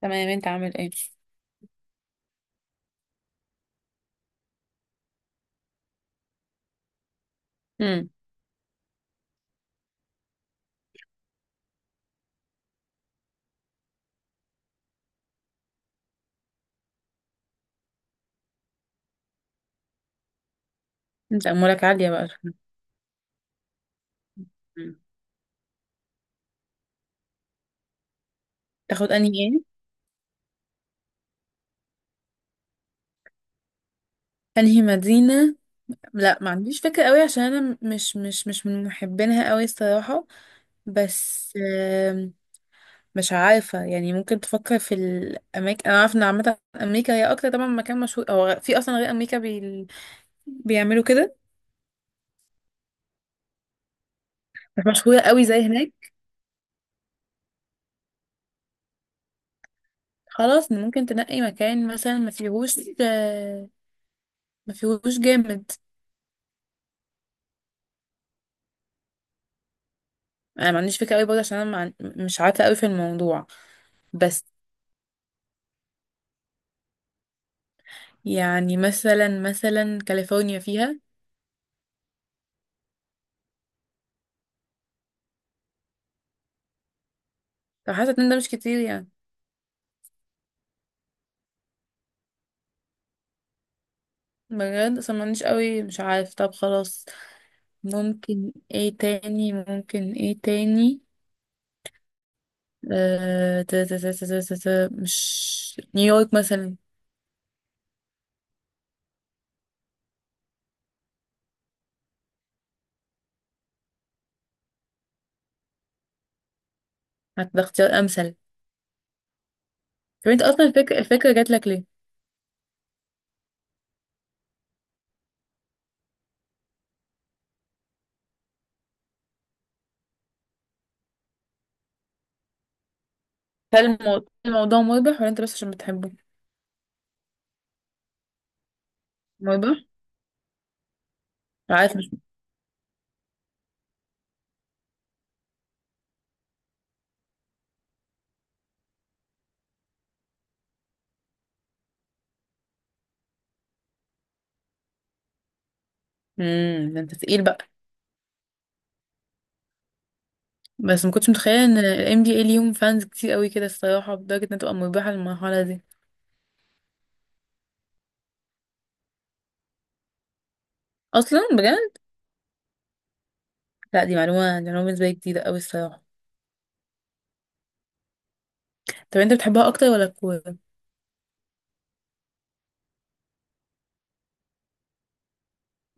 تمام، انت عامل ايه؟ امم انت امورك عاليه بقى. مم. تاخد انهي ايه؟ انهي مدينه؟ لا، ما عنديش فكره قوي عشان انا مش من محبينها قوي الصراحه. بس مش عارفه، يعني ممكن تفكر في الاماكن. انا عارفه ان عامه امريكا هي اكتر طبعا مكان مشهور، او في اصلا غير امريكا بيعملوا كده، بس مشهوره قوي زي هناك. خلاص، ممكن تنقي مكان مثلا ما فيهوش، آه، ما فيهوش جامد. انا ما عنديش فكره قوي برضه عشان انا ما عن- مش عارفه قوي في الموضوع. بس يعني مثلا كاليفورنيا فيها، فحاسة ان ده مش كتير يعني. بجد صممنيش قوي، مش عارف. طب خلاص، ممكن ايه تاني؟ آه، تا- تا- تا- تا- تا- تا- مش نيويورك مثلا؟ هتبقى اختيار امثل. طب انت اصلا الفكرة جات لك ليه؟ هل الموضوع مربح ولا انت بس عشان بتحبه؟ مربح؟ عارف مش. امم، ده انت تقيل بقى. بس ما كنتش متخيله ان ال NBA ليهم فانز كتير قوي كده الصراحه، لدرجه انها تبقى مربحه للمرحله دي. اصلا؟ بجد؟ لا، دي معلومه، دي معلومه بالنسبه لي جديده قوي الصراحه. طب انت بتحبها اكتر ولا الكوره؟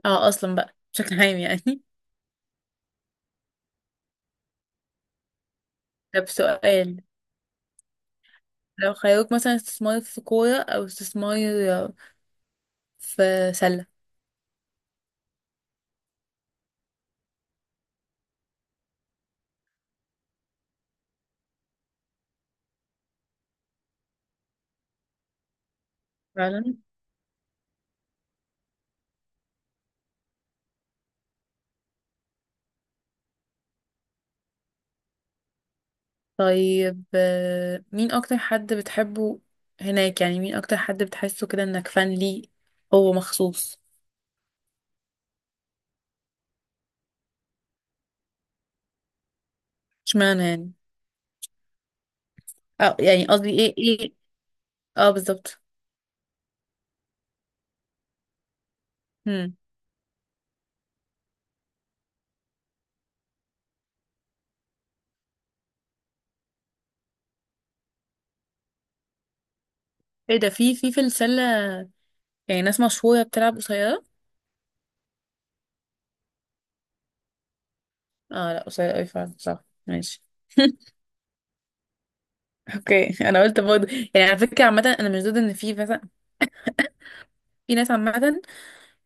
اه، اصلا بقى بشكل عام يعني. طب سؤال، لو خيروك مثلا استثمار في كوره او استثمار في سله. فعلا. طيب مين اكتر حد بتحبه هناك يعني، مين اكتر حد بتحسه كده انك فان ليه هو مخصوص؟ اشمعنى يعني؟ اه يعني قصدي ايه ايه. اه بالظبط. هم. ايه ده، في السله يعني ناس مشهوره بتلعب قصيره؟ اه، لا قصير قوي فعلا، صح، ماشي. اوكي، انا قلت برضه يعني على فكره، عامه انا مش ضد ان في مثلا، في ناس عامه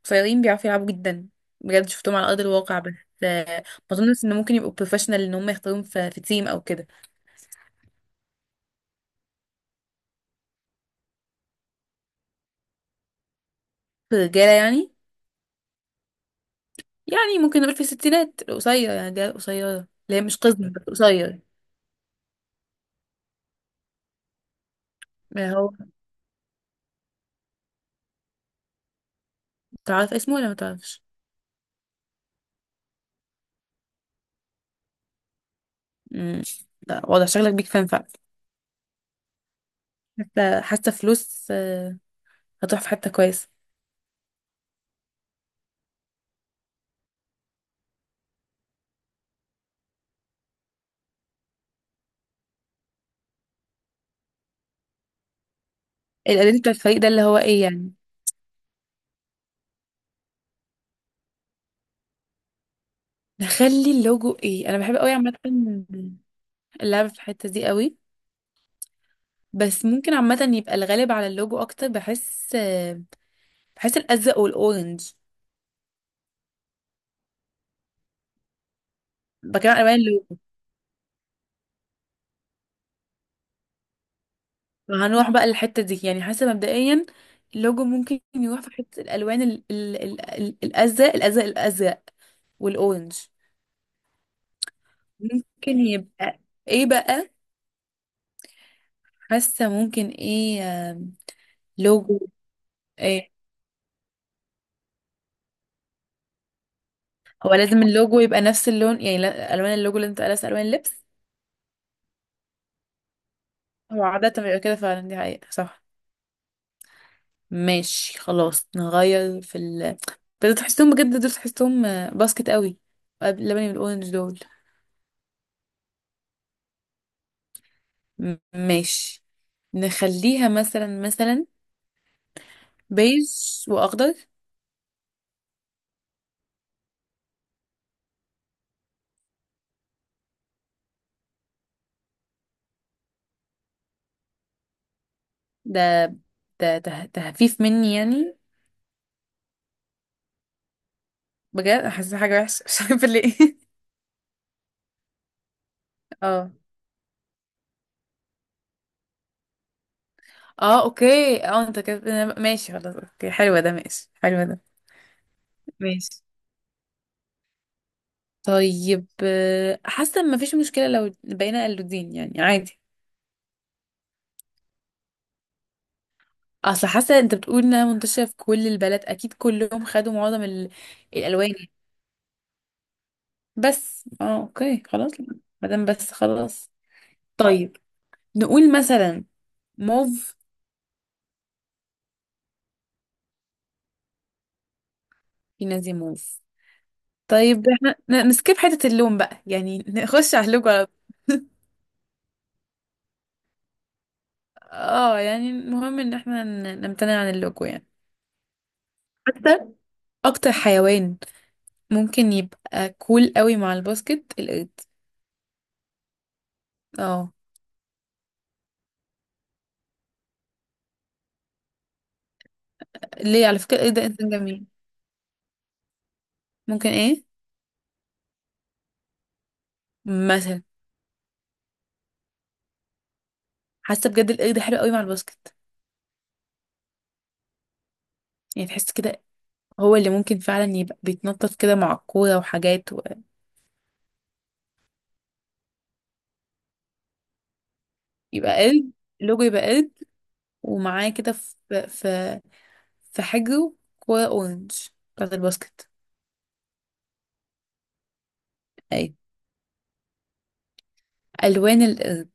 قصيرين بيعرفوا يلعبوا جدا، بجد شفتهم على ارض الواقع. بس آه، ما اظنش ان ممكن يبقوا بروفيشنال ان هم يختاروهم في تيم او كده. في الرجاله يعني، يعني ممكن نقول في الستينات القصير يعني الرجاله القصيره اللي هي مش قزم بس قصير. ما هو، تعرف اسمه ولا ما تعرفش؟ امم. لا، واضح شكلك بيك فان فعلا. حتى فلوس، هتروح في حته كويسه. الاداء بتاع الفريق ده اللي هو ايه يعني؟ نخلي اللوجو ايه؟ انا بحب قوي عامه اللعب في الحته دي قوي. بس ممكن عامه يبقى الغالب على اللوجو، اكتر بحس الازرق والاورنج. بكلم عن الوان اللوجو. هنروح بقى للحته دي يعني، حاسه مبدئيا اللوجو ممكن يروح في حته الالوان الازرق، الازرق والاورنج. ممكن يبقى ايه بقى؟ حاسه ممكن ايه. آم، لوجو ايه؟ هو لازم اللوجو يبقى نفس اللون يعني؟ الوان اللوجو لازم تبقى نفس الوان اللبس؟ هو عادة بيبقى كده فعلا، دي حقيقة، صح. ماشي خلاص، نغير في ال... بس تحسهم بجد دول، تحسهم باسكت قوي، اللبني والاورنج دول. ماشي، نخليها مثلا بيج واخضر. ده تهفيف مني يعني. بجد حاسة حاجة وحشة مش عارفة ليه. اه، اه اوكي، اه انت كده ماشي، خلاص اوكي، حلوة ده، ماشي، حلوة ده، ماشي. طيب حاسة ان مفيش مشكلة لو بقينا قلودين يعني، عادي. اصل حاسه انت بتقول انها منتشره في كل البلد، اكيد كلهم خدوا معظم الالوان يعني. بس اه اوكي خلاص، ما دام بس خلاص. طيب نقول مثلا موف. في نادي موف. طيب احنا نسكيب حته اللون بقى يعني، نخش على اللوجو على... اه يعني المهم ان احنا نمتنع عن اللوجو يعني. حتى، اكتر حيوان ممكن يبقى كول قوي مع الباسكت القرد. اه. ليه، على فكره القرد ده انسان جميل. ممكن ايه مثلا. حاسه بجد القرد حلو قوي مع الباسكت، يعني تحس كده هو اللي ممكن فعلا يبقى بيتنطط كده مع الكوره وحاجات و... يبقى قرد. لوجو يبقى قرد، ومعاه كده في في حجره، كوره اورنج بتاعت الباسكت. اي. الوان القرد.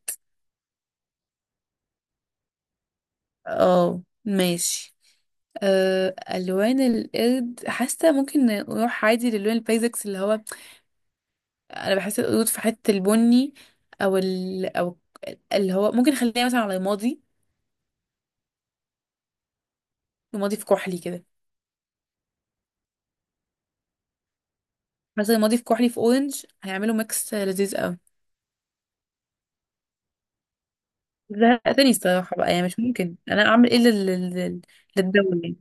اه ماشي. أه، الوان القرد حاسه ممكن نروح عادي للون البيزكس اللي هو، انا بحس القرود في حته البني، او او اللي هو ممكن خليها مثلا على رمادي. رمادي في كحلي كده. حسن الماضي في كحلي في اورنج، هيعملوا ميكس لذيذ قوي. زهقتني الصراحه بقى يعني، مش ممكن انا اعمل ايه للدول يعني.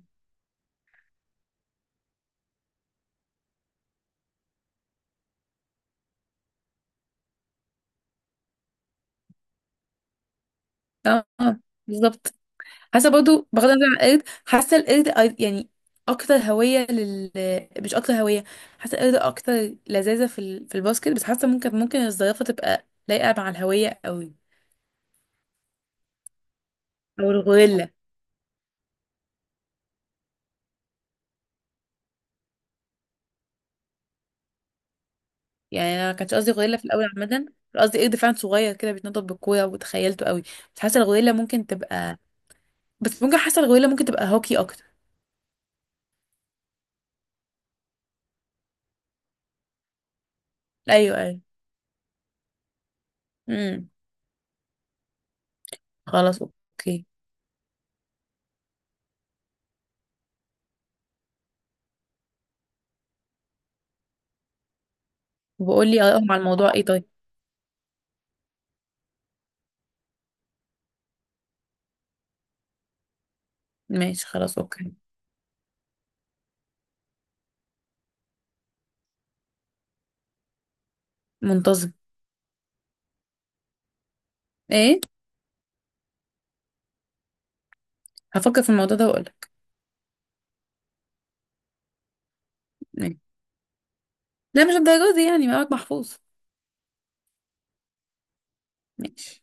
اه بالظبط. حاسه برضو، بغض النظر عن القرد، حاسه القرد يعني اكتر هويه لل... مش اكتر هويه، حاسه القرد اكتر لذاذه في الباسكت. بس حاسه ممكن الزرافه تبقى لايقه مع الهويه قوي. او الغوريلا. يعني انا ما كانش قصدي غوريلا في الاول، عامه كان قصدي قرد فعلا صغير كده بيتنطط بالكوره وتخيلته قوي. بس حاسه الغوريلا ممكن تبقى... بس ممكن حاسه الغويله ممكن تبقى هوكي اكتر. ايوه ايوه. امم. خلاص اوكي. وبقول لي ارائهم على الموضوع ايه. طيب ماشي، خلاص اوكي. منتظم. ايه. هفكر في الموضوع ده واقول لك. لا مش الدرجه دي يعني، معاك محفوظ. ماشي.